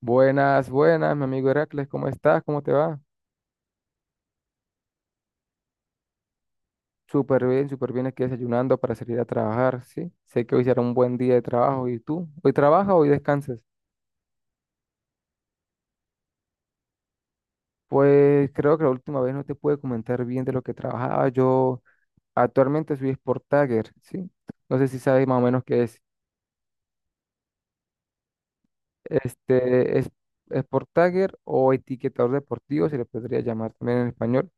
Buenas, buenas, mi amigo Heracles, ¿cómo estás? ¿Cómo te va? Súper bien, aquí desayunando para salir a trabajar, ¿sí? Sé que hoy será un buen día de trabajo, ¿y tú? ¿Hoy trabajas o hoy descansas? Pues creo que la última vez no te pude comentar bien de lo que trabajaba. Yo actualmente soy Sport Tagger, ¿sí? No sé si sabes más o menos qué es. Este es Sport Tagger o etiquetador deportivo, se le podría llamar también en español.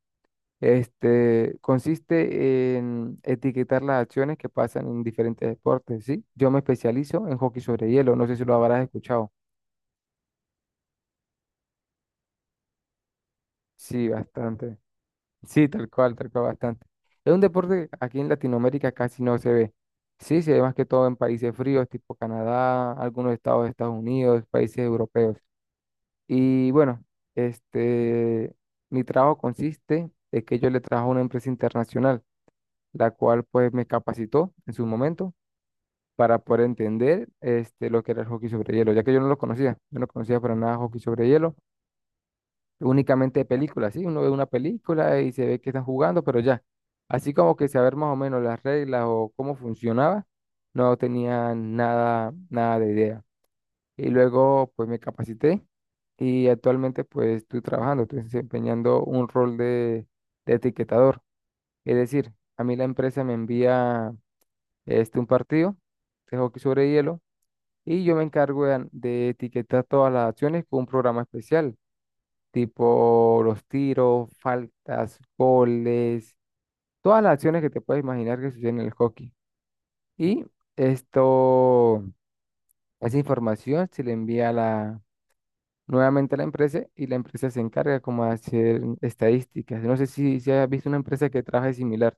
Consiste en etiquetar las acciones que pasan en diferentes deportes, ¿sí? Yo me especializo en hockey sobre hielo, no sé si lo habrás escuchado. Sí, bastante. Sí, tal cual, bastante. Es un deporte que aquí en Latinoamérica casi no se ve. Sí, se ve más que todo en países fríos, tipo Canadá, algunos estados de Estados Unidos, países europeos. Y bueno, este, mi trabajo consiste en que yo le trabajo a una empresa internacional, la cual pues me capacitó en su momento para poder entender lo que era el hockey sobre hielo, ya que yo no lo conocía, yo no conocía para nada hockey sobre hielo, únicamente de películas, ¿sí? Uno ve una película y se ve que están jugando, pero ya, así como que saber más o menos las reglas o cómo funcionaba, no tenía nada, nada de idea. Y luego pues me capacité y actualmente pues estoy trabajando, estoy desempeñando un rol de etiquetador, es decir, a mí la empresa me envía un partido de hockey sobre hielo y yo me encargo de etiquetar todas las acciones con un programa especial, tipo los tiros, faltas, goles, todas las acciones que te puedes imaginar que suceden en el hockey. Y esto, esa información se le envía a la, nuevamente a la empresa y la empresa se encarga como de hacer estadísticas. No sé si, si has visto una empresa que trabaje similar.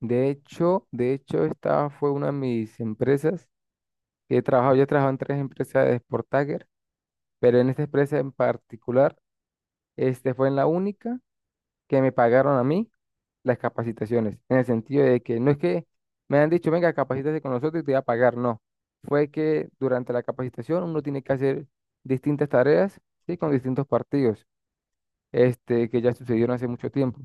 De hecho, esta fue una de mis empresas que he trabajado. Yo he trabajado en tres empresas de Sport pero en esta empresa en particular, fue en la única que me pagaron a mí las capacitaciones, en el sentido de que no es que me han dicho, venga, capacítate con nosotros y te voy a pagar, no. Fue que durante la capacitación uno tiene que hacer distintas tareas, ¿sí? Con distintos partidos, que ya sucedieron hace mucho tiempo.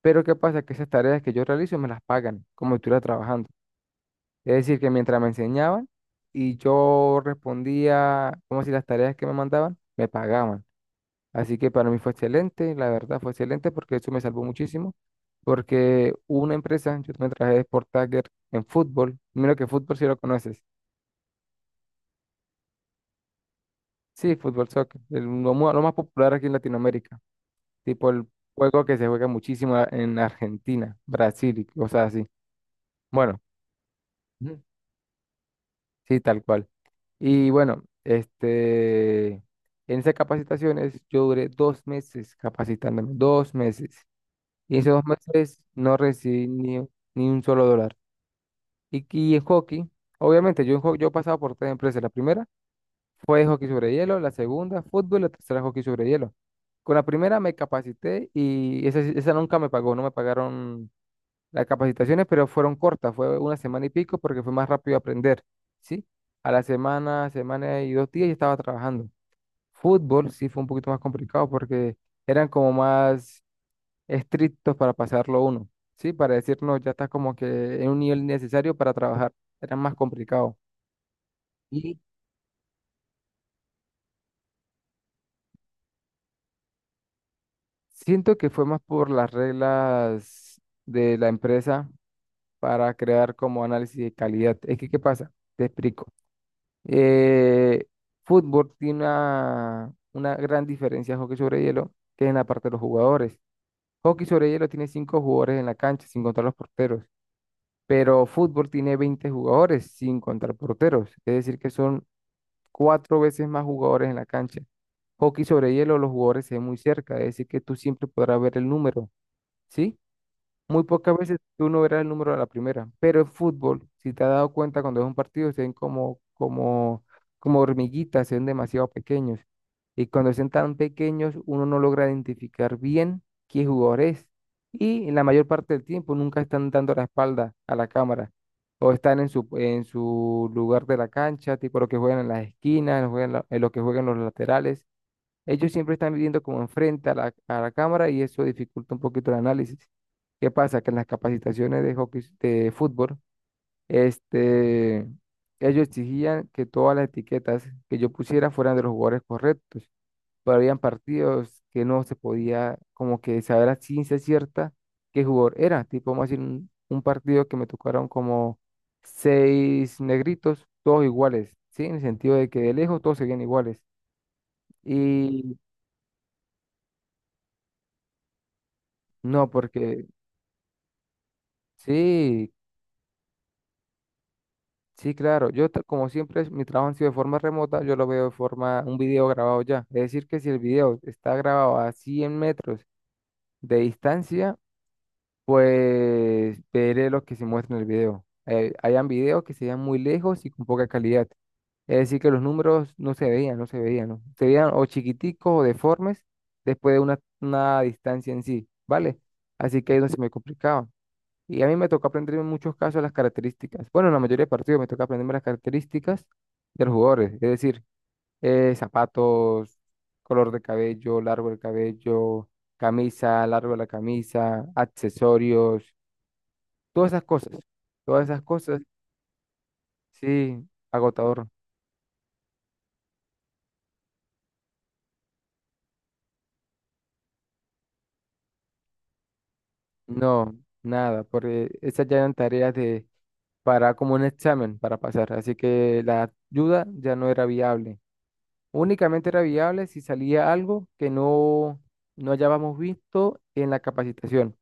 Pero ¿qué pasa? Que esas tareas que yo realizo me las pagan como si estuviera trabajando. Es decir, que mientras me enseñaban y yo respondía, como si las tareas que me mandaban, me pagaban. Así que para mí fue excelente, la verdad fue excelente porque eso me salvó muchísimo. Porque hubo una empresa, yo también trabajé de Sport Tagger en fútbol. Mira que fútbol si lo conoces. Sí, fútbol soccer, lo más popular aquí en Latinoamérica. Tipo el juego que se juega muchísimo en Argentina, Brasil y cosas así. Bueno, ujú, sí, tal cual. Y bueno, en esas capacitaciones yo duré 2 meses capacitándome, 2 meses. Y esos 2 meses no recibí ni un solo dólar. Y en hockey, obviamente, yo he pasado por tres empresas. La primera fue hockey sobre hielo, la segunda fútbol, la tercera hockey sobre hielo. Con la primera me capacité y esa nunca me pagó, no me pagaron las capacitaciones, pero fueron cortas, fue una semana y pico porque fue más rápido aprender, ¿sí? A la semana, semana y 2 días ya estaba trabajando. Fútbol sí fue un poquito más complicado porque eran como más estrictos para pasarlo uno, ¿sí? Para decirnos, ya está como que en un nivel necesario para trabajar. Era más complicado. Y siento que fue más por las reglas de la empresa para crear como análisis de calidad. Es que, ¿qué pasa? Te explico. Eh, fútbol tiene una gran diferencia de hockey sobre hielo, que es en la parte de los jugadores. Hockey sobre hielo tiene cinco jugadores en la cancha, sin contar los porteros. Pero fútbol tiene 20 jugadores sin contar porteros. Es decir, que son cuatro veces más jugadores en la cancha. Hockey sobre hielo, los jugadores se ven muy cerca, es decir, que tú siempre podrás ver el número, ¿sí? Muy pocas veces tú no verás el número a la primera, pero en fútbol, si te has dado cuenta cuando es un partido, se ven como, como, como hormiguitas, se ven demasiado pequeños. Y cuando se ven tan pequeños, uno no logra identificar bien qué jugador es. Y en la mayor parte del tiempo nunca están dando la espalda a la cámara. O están en su lugar de la cancha, tipo lo que juegan en las esquinas, en lo que juegan los laterales. Ellos siempre están viviendo como enfrente a la cámara y eso dificulta un poquito el análisis. ¿Qué pasa? Que en las capacitaciones de hockey, de fútbol, este, ellos exigían que todas las etiquetas que yo pusiera fueran de los jugadores correctos, pero habían partidos que no se podía como que saber a ciencia cierta qué jugador era. Tipo, vamos a decir, un partido que me tocaron como seis negritos, todos iguales, ¿sí? En el sentido de que de lejos todos se veían iguales. Y no, porque sí, sí, claro. Como siempre, mi trabajo ha sido de forma remota, yo lo veo de forma, un video grabado ya. Es decir, que si el video está grabado a 100 metros de distancia, pues veré lo que se muestra en el video. Hayan videos que se vean muy lejos y con poca calidad. Es decir, que los números no se veían, no se veían, ¿no? Se veían o chiquiticos o deformes después de una distancia en sí, ¿vale? Así que ahí es donde se me complicaba. Y a mí me tocó aprender en muchos casos las características. Bueno, en la mayoría de partidos me toca aprenderme las características de los jugadores. Es decir, zapatos, color de cabello, largo del cabello, camisa, largo de la camisa, accesorios, todas esas cosas. Todas esas cosas, sí, agotador. No, nada, porque esas ya eran tareas de, para como un examen para pasar. Así que la ayuda ya no era viable. Únicamente era viable si salía algo que no hayábamos visto en la capacitación.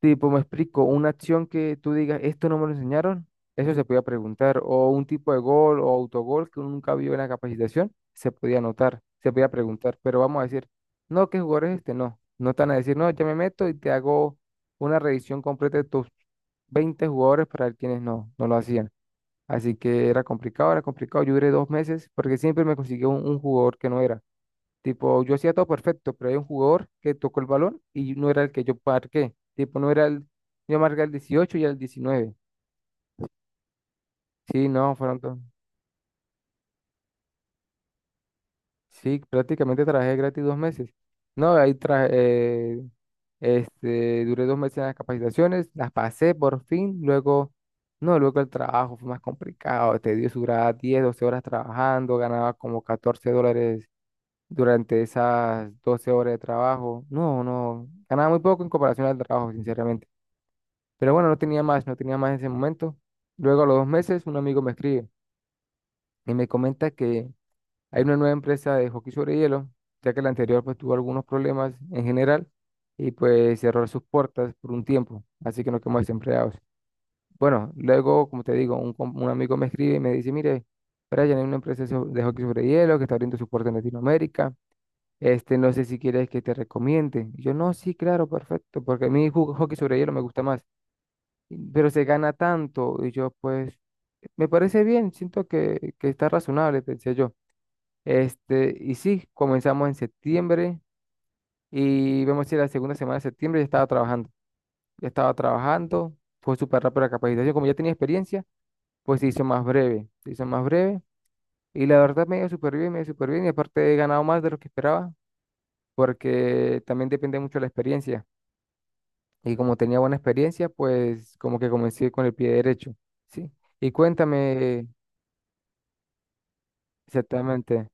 Tipo, me explico, una acción que tú digas, esto no me lo enseñaron, eso se podía preguntar. O un tipo de gol o autogol que uno nunca vio en la capacitación, se podía anotar, se podía preguntar. Pero vamos a decir, no, ¿qué jugador es este? No. No están a decir, no, ya me meto y te hago una revisión completa de tus 20 jugadores para ver quienes no, no lo hacían. Así que era complicado, era complicado. Yo duré dos meses porque siempre me consiguió un jugador que no era. Tipo, yo hacía todo perfecto, pero hay un jugador que tocó el balón y no era el que yo marqué. Tipo, no era el, yo marqué el 18 y el 19. Sí, no, fueron todos. Sí, prácticamente trabajé gratis 2 meses. No, ahí traje, duré dos meses en las capacitaciones, las pasé por fin, luego, no, luego el trabajo fue más complicado, te dio su duraba 10, 12 horas trabajando, ganaba como $14 durante esas 12 horas de trabajo. No, no, ganaba muy poco en comparación al trabajo, sinceramente. Pero bueno, no tenía más, no tenía más en ese momento. Luego a los 2 meses un amigo me escribe y me comenta que hay una nueva empresa de hockey sobre hielo, ya que la anterior pues tuvo algunos problemas en general y pues cerró sus puertas por un tiempo, así que nos quedamos desempleados. Bueno, luego, como te digo, un amigo me escribe y me dice, mire, Brian, hay una empresa de hockey sobre hielo que está abriendo su puerta en Latinoamérica. Este, no sé si quieres que te recomiende. Y yo, no, sí, claro, perfecto, porque a mí hockey sobre hielo me gusta más pero se gana tanto. Y yo, pues, me parece bien, siento que está razonable, pensé yo. Y sí, comenzamos en septiembre y vemos si la segunda semana de septiembre ya estaba trabajando. Ya estaba trabajando, fue súper rápido la capacitación. Como ya tenía experiencia, pues se hizo más breve, se hizo más breve. Y la verdad me dio súper bien, me dio súper bien. Y aparte he ganado más de lo que esperaba, porque también depende mucho de la experiencia. Y como tenía buena experiencia, pues como que comencé con el pie derecho, ¿sí? Y cuéntame, exactamente.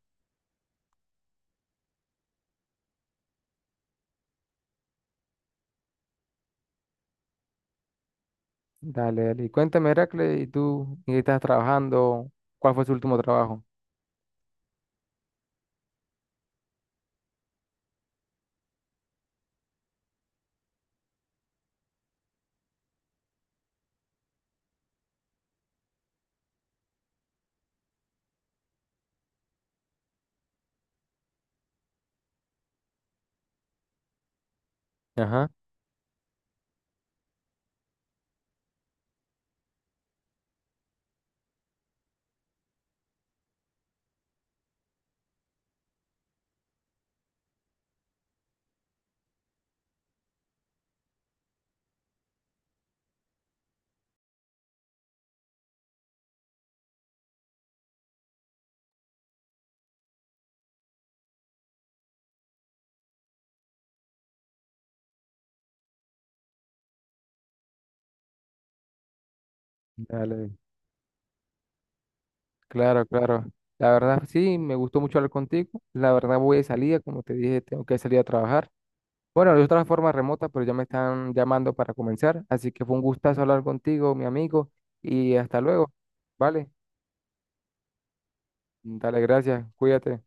Dale, dale. Y cuéntame, Heracle, ¿y tú en qué estás trabajando? ¿Cuál fue su último trabajo? Ajá. Dale. Claro, claro. La verdad, sí, me gustó mucho hablar contigo. La verdad, voy de salida, como te dije, tengo que salir a trabajar. Bueno, de otra forma remota, pero ya me están llamando para comenzar. Así que fue un gustazo hablar contigo, mi amigo, y hasta luego. Vale. Dale, gracias. Cuídate.